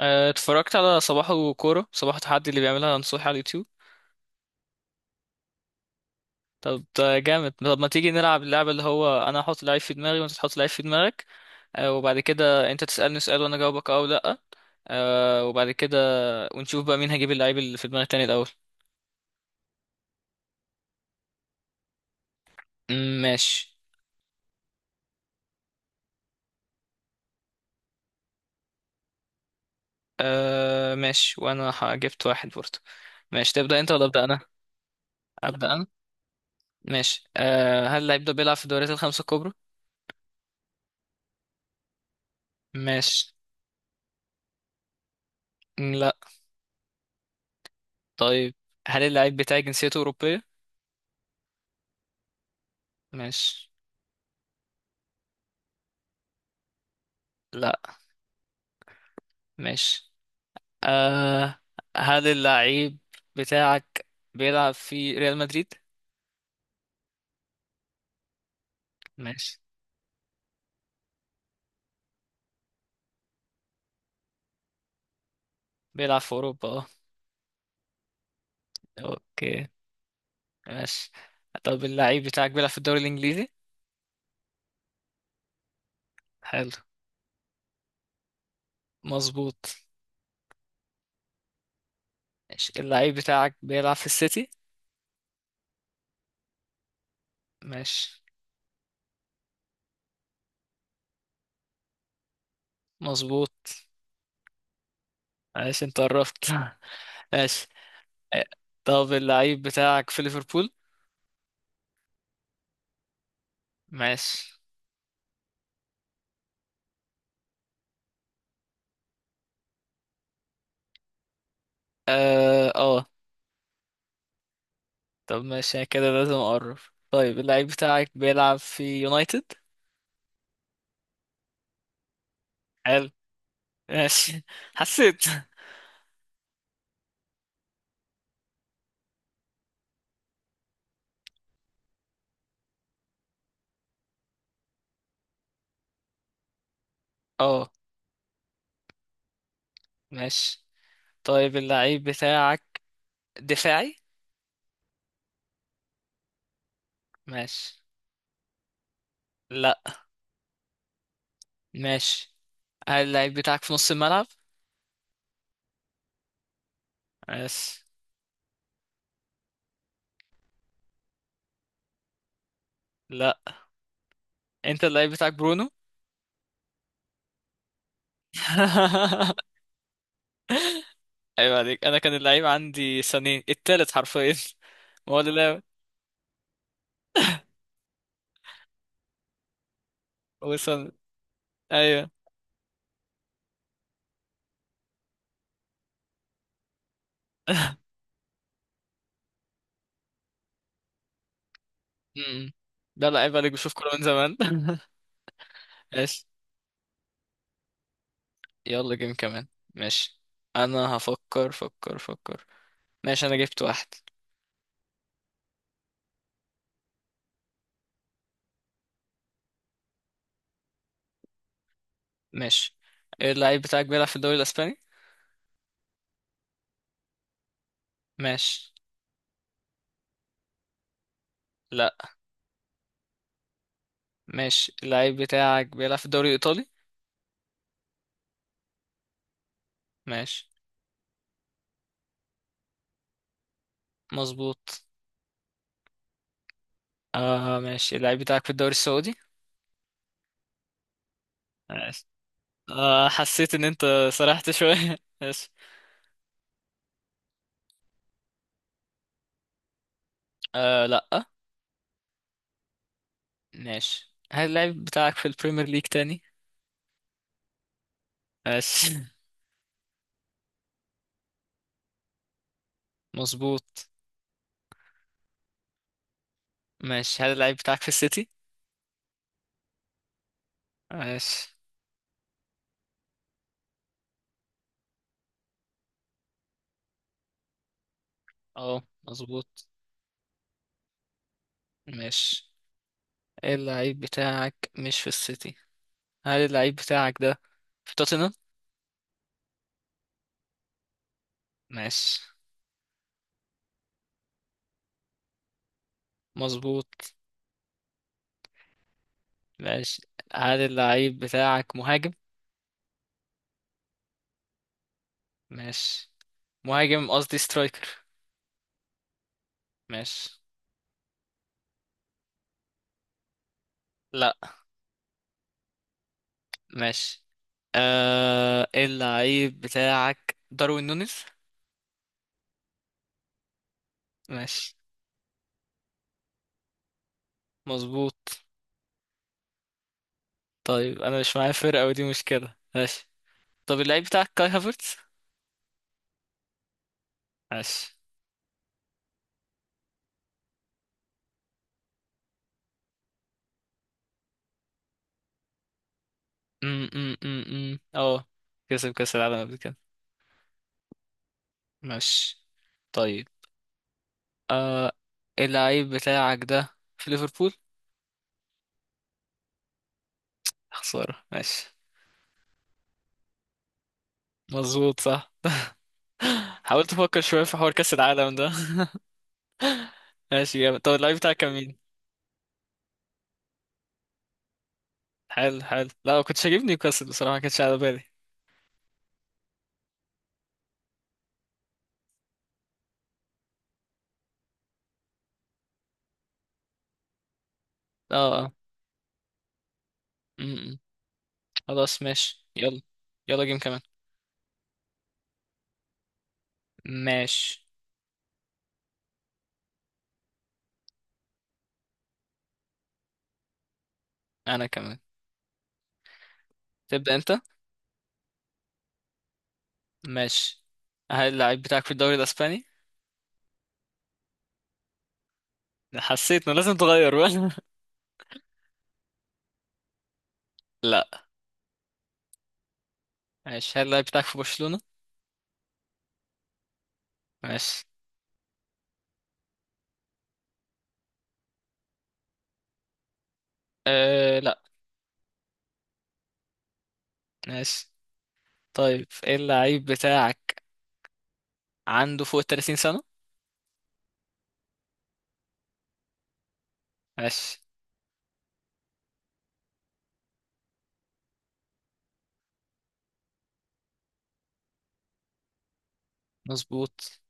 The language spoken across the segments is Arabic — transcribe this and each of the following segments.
اتفرجت على صباحه كورة صباحه تحدي اللي بيعملها نصوحي على اليوتيوب. طب ده جامد. طب ما تيجي نلعب اللعبة اللي هو انا هحط لعيب في دماغي وانت تحط لعيب في دماغك. وبعد كده انت تسألني سؤال وانا اجاوبك اه او لا. وبعد كده ونشوف بقى مين هجيب اللعيب اللي في دماغ التاني الاول. ماشي. ماشي، وانا جبت واحد برضه. ماشي، تبدأ انت ولا ابدأ انا؟ ابدأ انا. ماشي، هل اللعيب ده بيلعب في الدوريات الخمسة الكبرى؟ ماشي. لا. طيب هل اللعيب بتاعي جنسيته أوروبية؟ ماشي. لا. ماشي، آه هل اللعيب بتاعك بيلعب في ريال مدريد؟ ماشي. بيلعب في أوروبا اه. اوكي. ماشي. طب اللعيب بتاعك بيلعب في الدوري الإنجليزي؟ حلو. مظبوط. ماشي، اللعيب بتاعك بيلعب في السيتي؟ ماشي. مظبوط. ماشي، انت قربت. ماشي. آه، طب اللعيب بتاعك في ليفربول؟ ماشي. اه اه. طب ماشي، أنا كده لازم اقرب. طيب اللعيب بتاعك بيلعب في يونايتد؟ حلو. ماشي. حسيت. اه. ماشي، طيب اللعيب بتاعك دفاعي؟ ماشي. لا. ماشي، هل اللعيب بتاعك في نص الملعب؟ ماشي. لا. انت اللعيب بتاعك برونو؟ ايوه عليك، انا كان اللعيب عندي سنين التالت حرفيا. ما هو اللي لعب هو سن. ايوه. م-م. لا لا عيب عليك، بشوف كوره من زمان. ماشي. يلا جيم كمان. ماشي، انا هفكر فكر فكر. ماشي، انا جبت واحد. ماشي، اللعيب بتاعك بيلعب في الدوري الاسباني؟ ماشي. لا. ماشي، اللعيب بتاعك بيلعب في الدوري الايطالي؟ ماشي. مظبوط. ماشي، اللعيب بتاعك في الدوري السعودي؟ ماشي. حسيت ان انت سرحت شوية. ماشي. لا. ماشي، هل اللعيب بتاعك في البريمير ليج تاني؟ ماشي. مظبوط. ماشي، هل اللعيب بتاعك في السيتي؟ ماشي. اه. مظبوط. ماشي، اللعيب بتاعك مش في السيتي. هل اللعيب بتاعك ده في توتنهام؟ ماشي. مظبوط. ماشي، هل اللعيب بتاعك مهاجم؟ ماشي. مهاجم قصدي سترايكر. ماشي. لا. ماشي، اللعيب بتاعك داروين نونيز؟ ماشي. مظبوط. طيب انا مش معايا فرقة ودي مشكلة، ماشي. طب اللعيب بتاعك كاي هافرتز؟ ماشي. م -م -م -م. اه. كسب كاس العالم قبل كده. ماشي. طيب، آه اللعيب بتاعك ده في ليفربول؟ خسارة. ماشي. مظبوط صح. حاولت افكر شويه في حوار كاس العالم ده. ماشي جامد. طب اللعيب بتاعك كان مين؟ حلو حلو. لا ما كنتش هجيب نيوكاسل بصراحه، ما كانتش على بالي. اه اه. م- م. خلاص ماشي. يلا. يلا جيم كمان. ماشي. انا كمان. تبدا انت. ماشي، هل اللعيب بتاعك في الدوري الاسباني؟ حسيت انه لازم تغير بقى. لا. ماشي، هل اللعيب بتاعك في برشلونه؟ ماشي. لا. ماشي، طيب ايه اللعيب بتاعك عنده فوق ال 30 سنه؟ ماشي. مظبوط.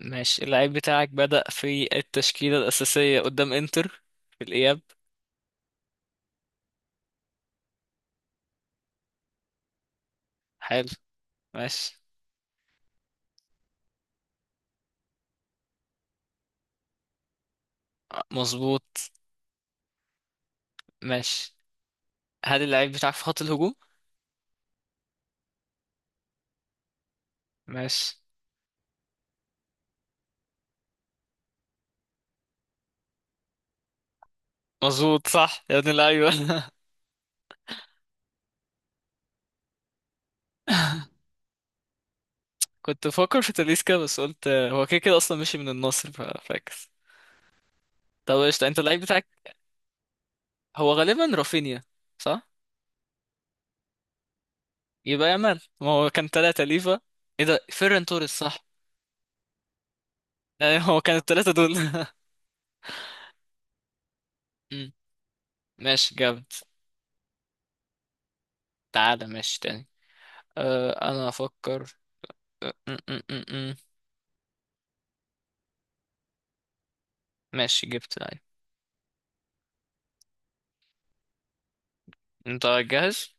ماشي، اللعيب بتاعك بدأ في التشكيلة الأساسية قدام إنتر في الإياب؟ حلو. ماشي. مظبوط. ماشي، هل اللعيب بتاعك في خط الهجوم؟ ماشي. مظبوط صح يا ابن اللعيبة. كنت بفكر في تاليسكا بس قلت هو كده كده أصلا مشي من النصر، فاكس. طب قشطة، أنت اللعيب بتاعك هو غالبا رافينيا؟ صح. يبقى يامال، ما هو كان تلاتة ليفا. إيه ده فيران توريس؟ صح. يعني هو كان التلاتة دول. مم. ماشي جامد. تعالى ماشي تاني. أنا أفكر. م- م- م- م. ماشي، جبت. ايوه. انت جاهز؟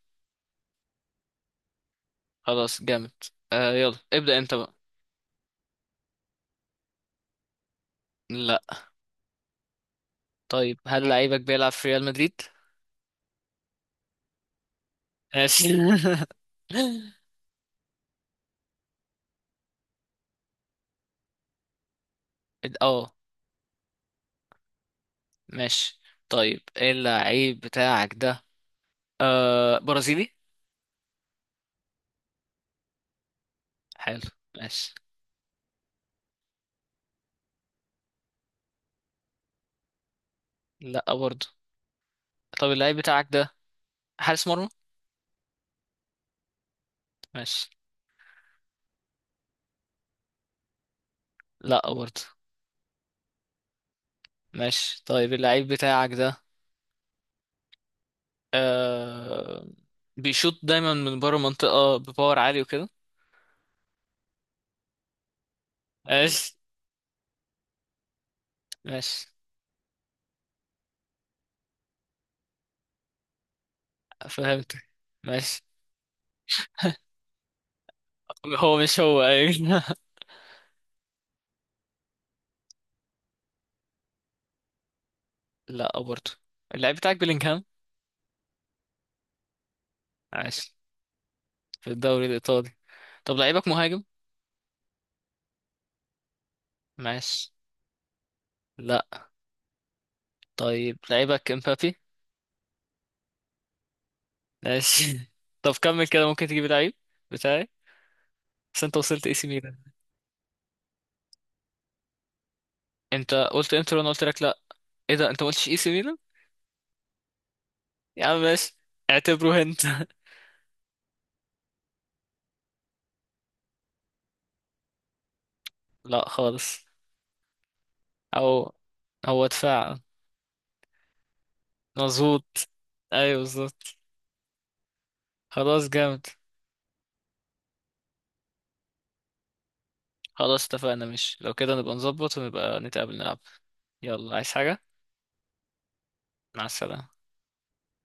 خلاص جامد. يلا ابدأ انت بقى. لا. طيب هل لعيبك بيلعب في ريال مدريد؟ ماشي. اه. ماشي، طيب ايه اللعيب بتاعك ده؟ برازيلي؟ حلو. ماشي. لا برضه. طب اللعيب بتاعك ده حارس مرمى؟ ماشي. لا برضه. ماشي، طيب اللعيب بتاعك ده آه بيشوط دايما من بره منطقة بباور عالي وكده. ماشي. ماشي. فهمت. ماشي. هو مش هو، ايوه. لا برضه. اللعيب بتاعك بيلينغهام؟ ماشي. في الدوري الإيطالي. طب لعيبك مهاجم؟ ماشي. لا. طيب لعيبك امبابي؟ ماشي. طب كمل كده ممكن تجيب لعيب بتاعي. بس انت وصلت اي سي ميلان. انت قلت انتر وانا قلت لك لا. ايه ده، انت ما قلتش اي سي ميلان. يا عم ماشي، اعتبره انت. لا خالص. او هو دفاع. مظبوط. ايوه بالظبط. خلاص جامد. خلاص اتفقنا، مش لو كده نبقى نظبط ونبقى نتقابل نلعب. يلا عايز حاجة. مع السلامة.